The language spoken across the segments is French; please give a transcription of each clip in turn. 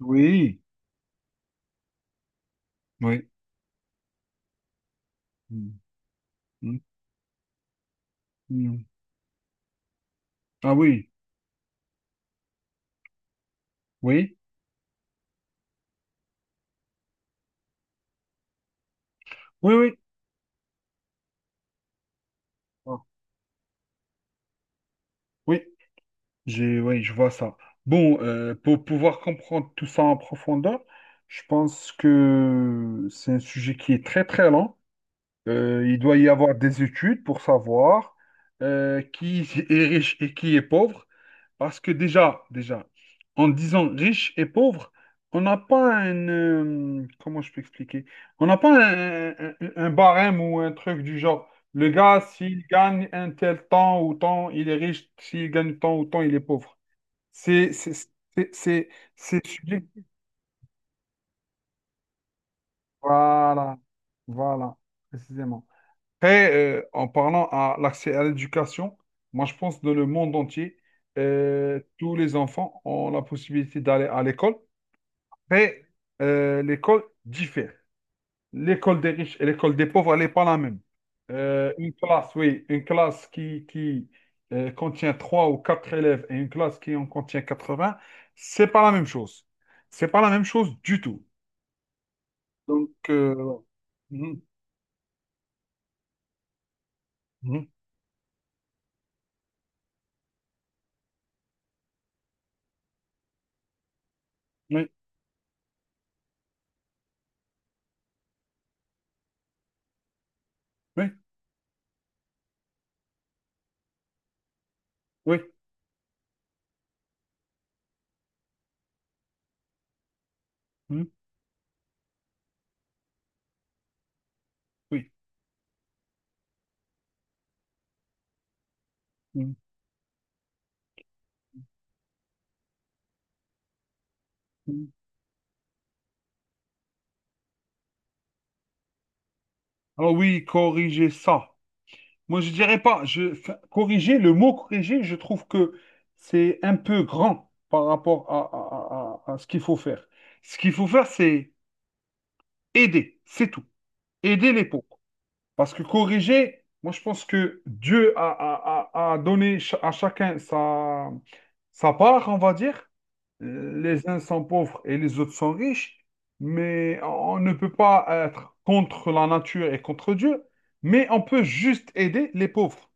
Oui, oui. Mm, mm, mm. Ah oui, oui, oui, oui. Ah, oui, oui, je vois ça. Bon, pour pouvoir comprendre tout ça en profondeur, je pense que c'est un sujet qui est très très lent. Il doit y avoir des études pour savoir qui est riche et qui est pauvre. Parce que déjà, en disant riche et pauvre, on n'a pas un. Comment je peux expliquer? On n'a pas un barème ou un truc du genre. Le gars, s'il gagne un tel temps ou temps, il est riche. S'il gagne tant ou tant, il est pauvre. C'est... C'est... C'est... c'est- c'est subjectif. Voilà. Voilà. Précisément. Après, en parlant à l'accès à l'éducation, moi, je pense que dans le monde entier, tous les enfants ont la possibilité d'aller à l'école. Mais l'école diffère. L'école des riches et l'école des pauvres, elle n'est pas la même. Une classe, oui, une classe qui contient trois ou quatre élèves et une classe qui en contient 80, c'est pas la même chose. C'est pas la même chose du tout. Donc, voilà. Mhm, mhm, oui, oui, oui, mhm, oui. Mhm, mhm. Alors oui, corriger ça. Moi, je dirais pas. Enfin, corriger, le mot corriger, je trouve que c'est un peu grand par rapport à ce qu'il faut faire. Ce qu'il faut faire, c'est aider, c'est tout. Aider les pauvres. Parce que corriger, moi, je pense que Dieu a donné à chacun sa part, on va dire. Les uns sont pauvres et les autres sont riches. Mais on ne peut pas être contre la nature et contre Dieu. Mais on peut juste aider les pauvres.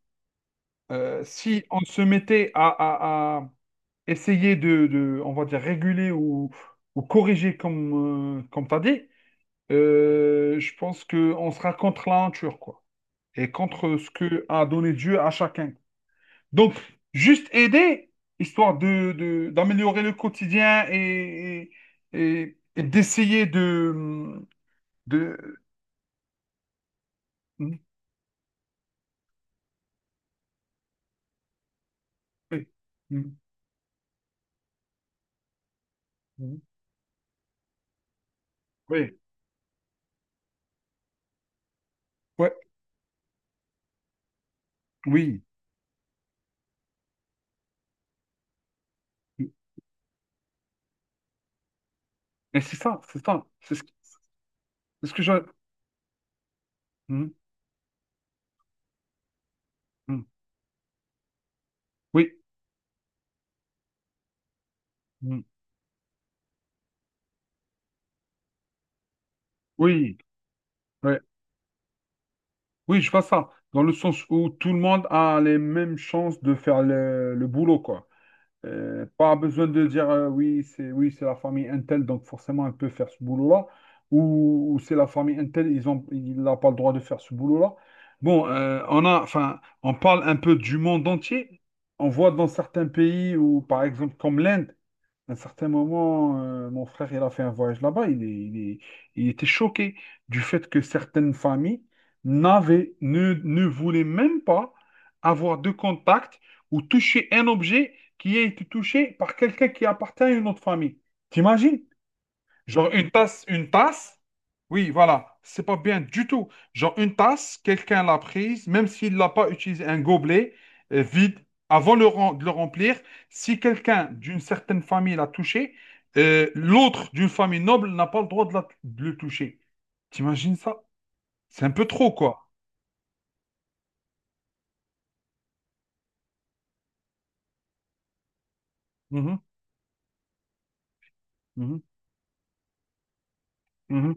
Si on se mettait à essayer de, on va dire, réguler ou corriger comme tu as dit, je pense qu'on sera contre la nature, quoi, et contre ce que a donné Dieu à chacun. Donc, juste aider, histoire de, d'améliorer le quotidien et d'essayer de... Oui, oui, ouais, oui. Mais c'est ça, c'est ça, c'est ce que je. Hmm. Mm. Oui, mm, oui, ouais. Oui, je vois ça. Dans le sens où tout le monde a les mêmes chances de faire le boulot, quoi. Pas besoin de dire oui, c'est la famille Intel, donc forcément elle peut faire ce boulot-là. Ou c'est la famille Intel, il n'a pas le droit de faire ce boulot-là. Bon, enfin, on parle un peu du monde entier. On voit dans certains pays où, par exemple, comme l'Inde. À un certain moment, mon frère, il a fait un voyage là-bas. Il était choqué du fait que certaines familles n'avaient, ne, ne voulaient même pas avoir de contact ou toucher un objet qui a été touché par quelqu'un qui appartient à une autre famille. T'imagines? Genre une tasse, oui, voilà, c'est pas bien du tout. Genre une tasse, quelqu'un l'a prise, même s'il l'a pas utilisé un gobelet vide avant de le remplir, si quelqu'un d'une certaine famille l'a touché, l'autre d'une famille noble n'a pas le droit de le toucher. T'imagines ça? C'est un peu trop, quoi. Mhm, mhm, mhm.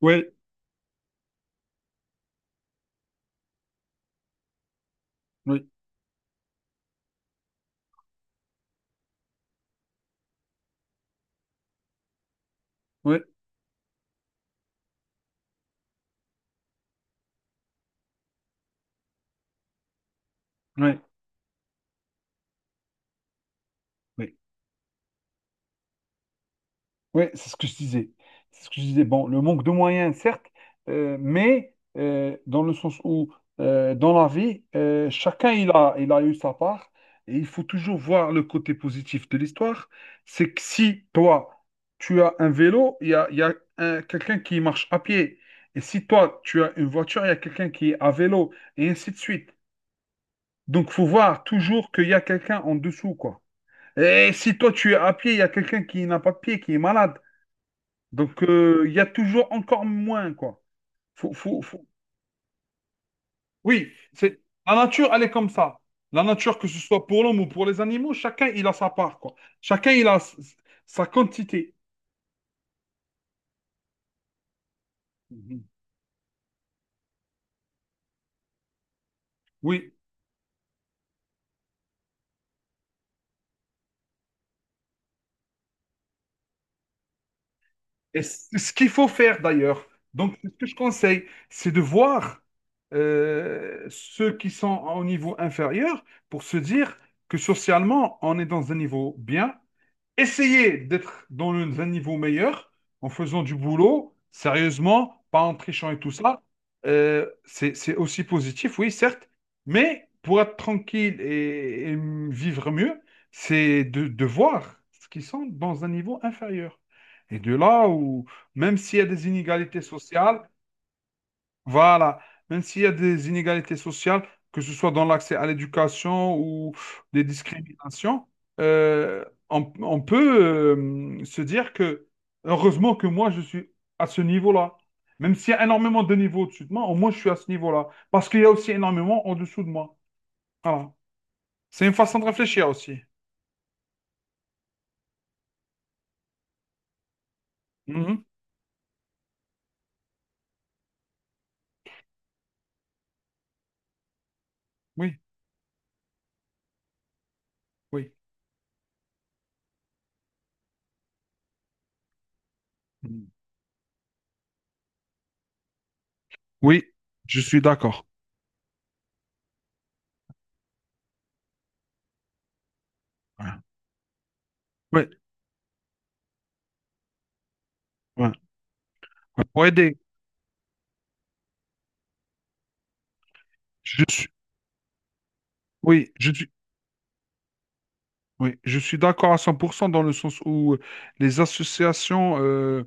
Ouais, oui, oui, oui, oui. Oui, c'est ce que je disais. C'est ce que je disais. Bon, le manque de moyens, certes, mais dans le sens où, dans la vie, chacun il a eu sa part. Et il faut toujours voir le côté positif de l'histoire. C'est que si toi, tu as un vélo, il y a quelqu'un qui marche à pied. Et si toi, tu as une voiture, il y a quelqu'un qui est à vélo, et ainsi de suite. Donc, faut voir toujours qu'il y a quelqu'un en dessous, quoi. Et si toi, tu es à pied, il y a quelqu'un qui n'a pas de pied, qui est malade. Donc, il y a toujours encore moins, quoi. Faut, faut, faut- Oui, c'est la nature, elle est comme ça. La nature, que ce soit pour l'homme ou pour les animaux, chacun il a sa part, quoi. Chacun il a sa quantité. Mhm. Oui. Et ce qu'il faut faire d'ailleurs, donc ce que je conseille, c'est de voir ceux qui sont au niveau inférieur pour se dire que socialement, on est dans un niveau bien, essayer d'être dans un niveau meilleur en faisant du boulot, sérieusement, pas en trichant et tout ça. C'est aussi positif, oui, certes, mais pour être tranquille et vivre mieux, c'est de voir ce qu'ils sont dans un niveau inférieur. Et de là où, même s'il y a des inégalités sociales, voilà. Même s'il y a des inégalités sociales, que ce soit dans l'accès à l'éducation ou des discriminations, euh, on peut se dire que heureusement que moi, je suis à ce niveau-là. Même s'il y a énormément de niveaux au-dessus de moi, au moins je suis à ce niveau-là. Parce qu'il y a aussi énormément en dessous de moi. Voilà. C'est une façon de réfléchir aussi. Mhm. Oui, oui. Mhm. Oui, je suis d'accord. Ouais. Ouais, ouais, ouais. Pour aider, je suis... Oui, Oui, je suis d'accord à 100% dans le sens où les associations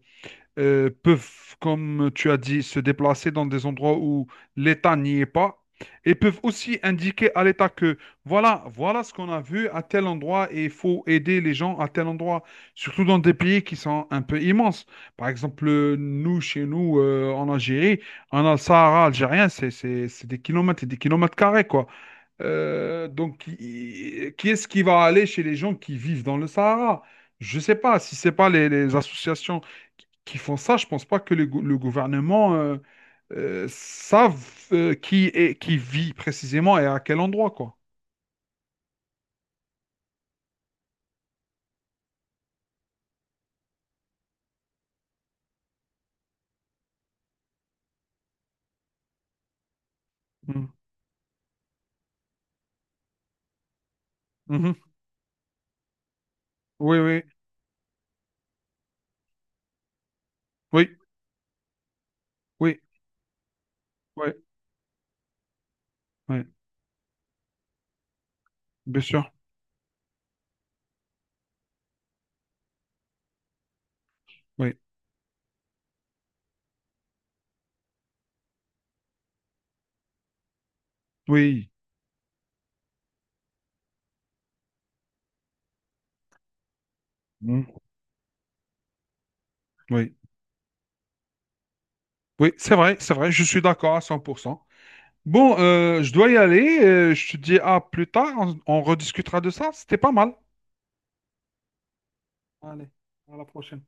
peuvent, comme tu as dit, se déplacer dans des endroits où l'État n'y est pas et peuvent aussi indiquer à l'État que voilà, voilà ce qu'on a vu à tel endroit et il faut aider les gens à tel endroit, surtout dans des pays qui sont un peu immenses. Par exemple, nous, chez nous, en Algérie, on a le Sahara algérien, c'est des kilomètres et des kilomètres carrés, quoi. Donc, qui est-ce qui va aller chez les gens qui vivent dans le Sahara? Je ne sais pas. Si ce n'est pas les associations qui font ça, je ne pense pas que le gouvernement savent qui vit précisément et à quel endroit, quoi. Mhm. Mhm. Oui, oui, oui, oui, oui, oui, bien sûr, oui, oui, mhm, oui, oui, c'est vrai, je suis d'accord à 100%. Bon, je dois y aller, je te dis à plus tard, on rediscutera de ça, c'était pas mal. Allez, à la prochaine.